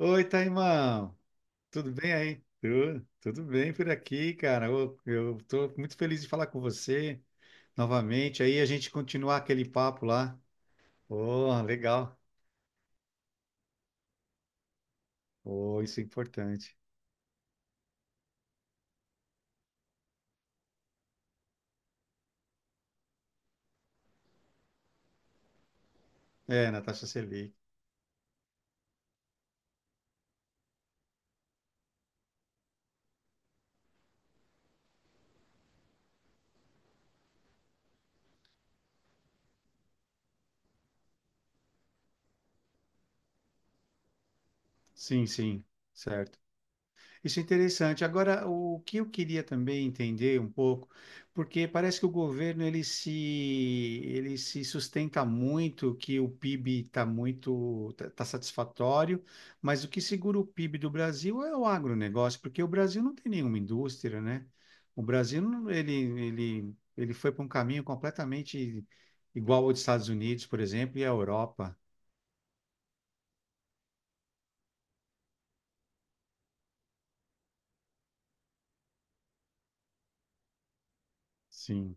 Oi, Taimão. Tudo bem aí? Tudo bem por aqui, cara. Eu tô muito feliz de falar com você novamente. Aí a gente continuar aquele papo lá. Oh, legal. Oh, isso é importante. É, Natasha Selic. Sim, sim, certo. Isso é interessante. Agora, o que eu queria também entender um pouco, porque parece que o governo ele se sustenta muito que o PIB está muito tá satisfatório, mas o que segura o PIB do Brasil é o agronegócio, porque o Brasil não tem nenhuma indústria, né? O Brasil ele ele foi para um caminho completamente igual ao dos Estados Unidos, por exemplo, e à Europa. Sim.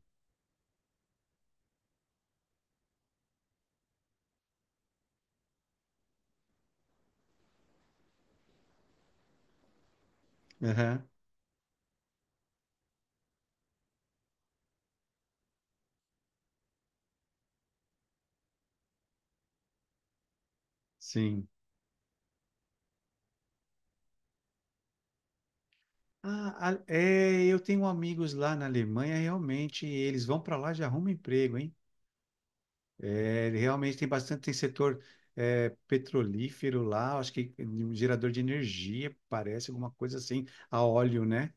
Aham. Sim. Ah, é, eu tenho amigos lá na Alemanha, realmente, eles vão para lá e já arrumam emprego, hein? É, realmente tem bastante, tem setor petrolífero lá, acho que um gerador de energia, parece alguma coisa assim, a óleo, né?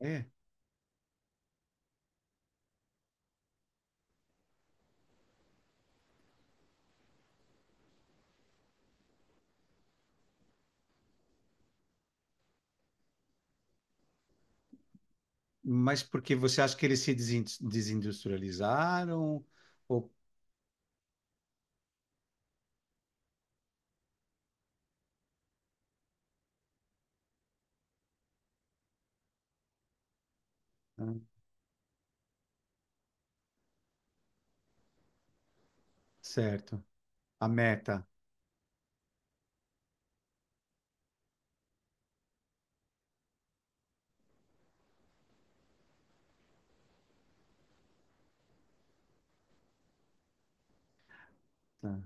É, mas porque você acha que eles se desin- desindustrializaram? Ou... Ah, certo, a meta. Tá.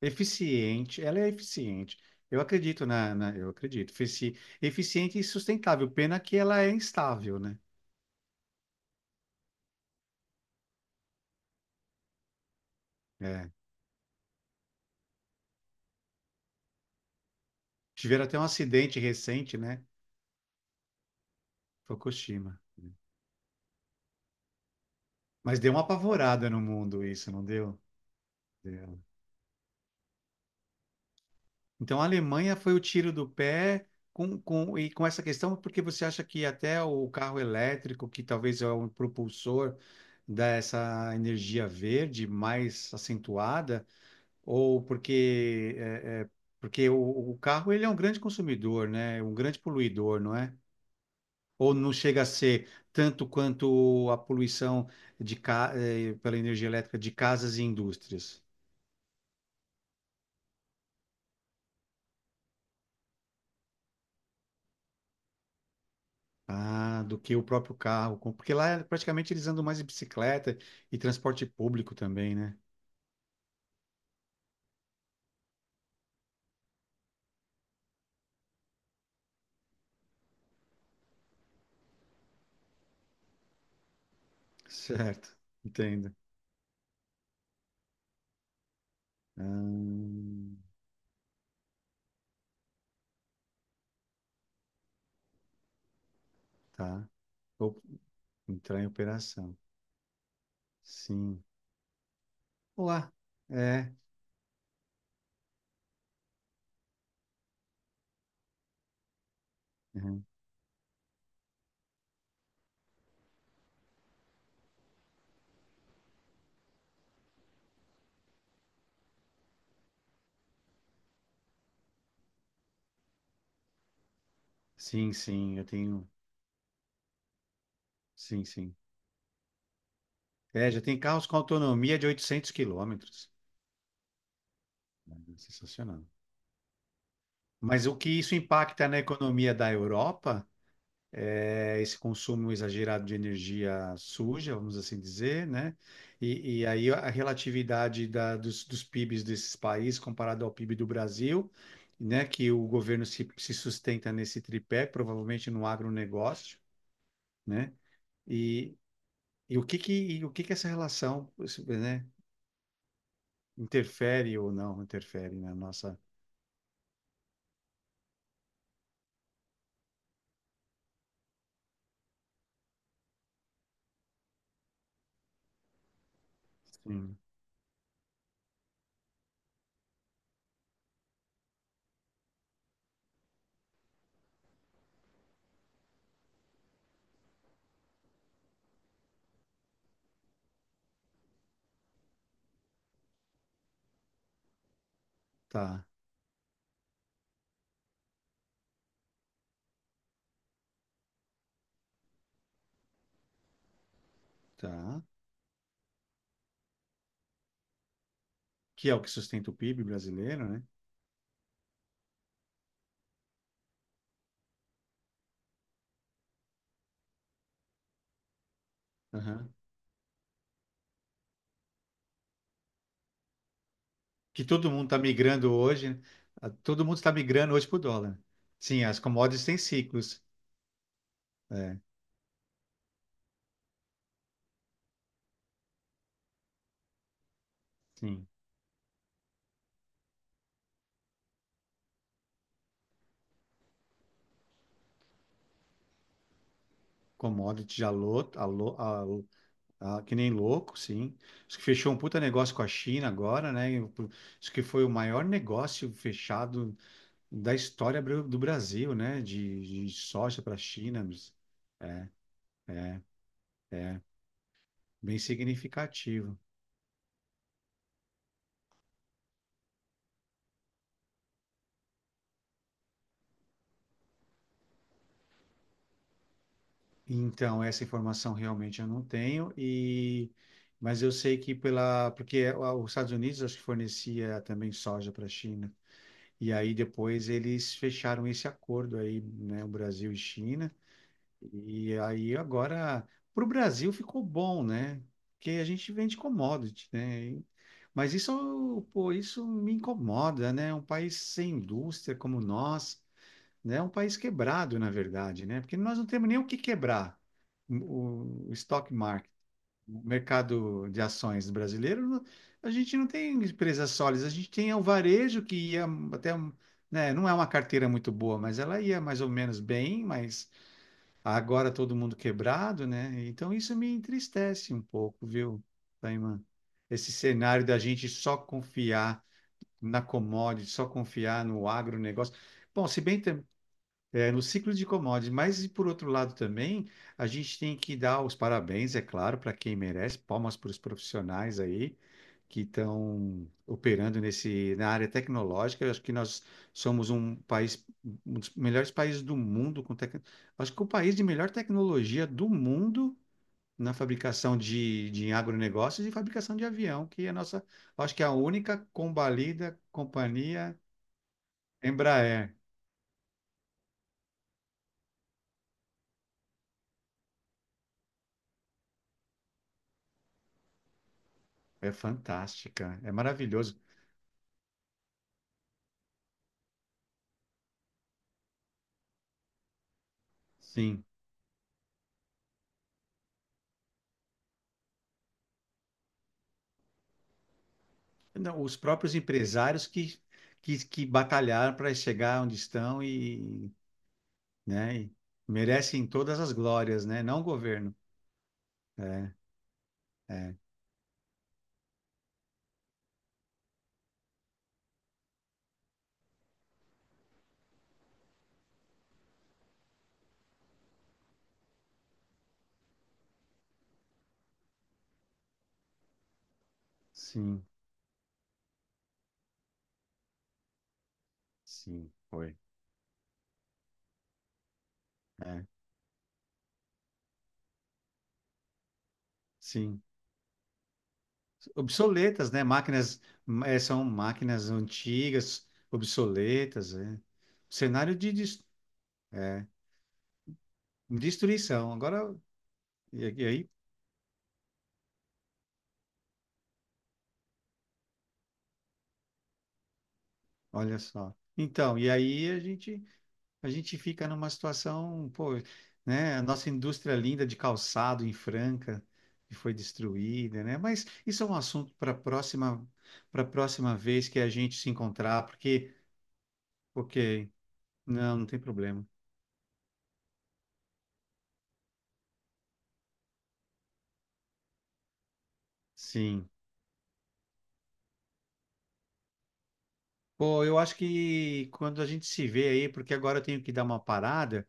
Eficiente, ela é eficiente. Eu acredito eu acredito. Eficiente e sustentável, pena que ela é instável, né? É. Tiveram até um acidente recente, né? Fukushima. Mas deu uma apavorada no mundo isso, não deu? Deu. Então a Alemanha foi o tiro do pé com essa questão, porque você acha que até o carro elétrico, que talvez é um propulsor dessa energia verde mais acentuada, ou porque, porque o carro ele é um grande consumidor, né? Um grande poluidor, não é? Ou não chega a ser tanto quanto a poluição de, pela energia elétrica de casas e indústrias? Ah, do que o próprio carro. Porque lá é praticamente eles andam mais de bicicleta e transporte público também, né? Certo, entendo. Ah, tá. Ou entrar em operação. Sim. Olá. É. Uhum. Sim, eu tenho. Sim, sim. É, já tem carros com autonomia de 800 quilômetros. É, sensacional. Mas o que isso impacta na economia da Europa é esse consumo exagerado de energia suja, vamos assim dizer, né? E aí a relatividade dos, dos PIBs desses países comparado ao PIB do Brasil, né? Que o governo se sustenta nesse tripé, provavelmente no agronegócio, né? E, e o que que essa relação, né? Interfere ou não interfere na nossa... Sim. Tá, tá. Que é o que sustenta o PIB brasileiro, né? Aham. Que todo mundo está migrando hoje, né? Ah, todo mundo está migrando hoje para o dólar. Sim, as commodities têm ciclos. É, sim. Commodity já louco, que nem louco, sim. Acho que fechou um puta negócio com a China agora, né? E o- Acho que foi o maior negócio fechado da história do Brasil, né? De soja para a China, bem significativo. Então, essa informação realmente eu não tenho, e mas eu sei que pela porque é, os Estados Unidos acho que fornecia também soja para a China. E aí depois eles fecharam esse acordo aí, né, o Brasil e China. E aí agora para o Brasil ficou bom, né? Porque a gente vende commodity, né? E- Mas isso, pô, isso me incomoda, né? Um país sem indústria como nós, né? É um país quebrado, na verdade, né? Porque nós não temos nem o que quebrar. O o stock market, o mercado de ações brasileiro, não- a gente não tem empresas sólidas, a gente tem o varejo que ia até, um- né? Não é uma carteira muito boa, mas ela ia mais ou menos bem, mas agora todo mundo quebrado, né? Então isso me entristece um pouco, viu, Taiman? Esse cenário da gente só confiar na commodity, só confiar no agronegócio. Bom, se bem é, no ciclo de commodities, mas e por outro lado também, a gente tem que dar os parabéns, é claro, para quem merece, palmas para os profissionais aí que estão operando nesse, na área tecnológica. Eu acho que nós somos um país, um dos melhores países do mundo com tec... Acho que o país de melhor tecnologia do mundo na fabricação de agronegócios e fabricação de avião, que é a nossa, acho que é a única combalida companhia Embraer. É fantástica, é maravilhoso. Sim. Não, os próprios empresários que batalharam para chegar onde estão e, né, e merecem todas as glórias, né? Não o governo. É, é, sim, sim, foi. É, sim. Obsoletas, né? Máquinas, é, são máquinas antigas, obsoletas, é. Cenário de des- destruição. Agora, e aí, olha só. Então, e aí a gente fica numa situação, pô, né? A nossa indústria linda de calçado em Franca que foi destruída, né? Mas isso é um assunto para próxima vez que a gente se encontrar, porque, ok, não, não tem problema. Sim. Pô, eu acho que quando a gente se vê aí, porque agora eu tenho que dar uma parada,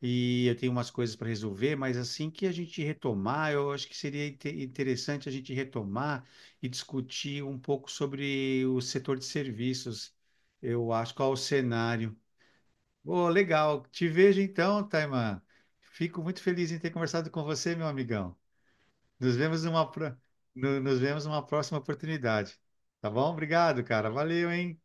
e eu tenho umas coisas para resolver, mas assim que a gente retomar, eu acho que seria interessante a gente retomar e discutir um pouco sobre o setor de serviços. Eu acho qual o cenário. Oh, legal. Te vejo então, Taiman. Fico muito feliz em ter conversado com você, meu amigão. Nos vemos numa, nos vemos numa próxima oportunidade. Tá bom? Obrigado, cara. Valeu, hein?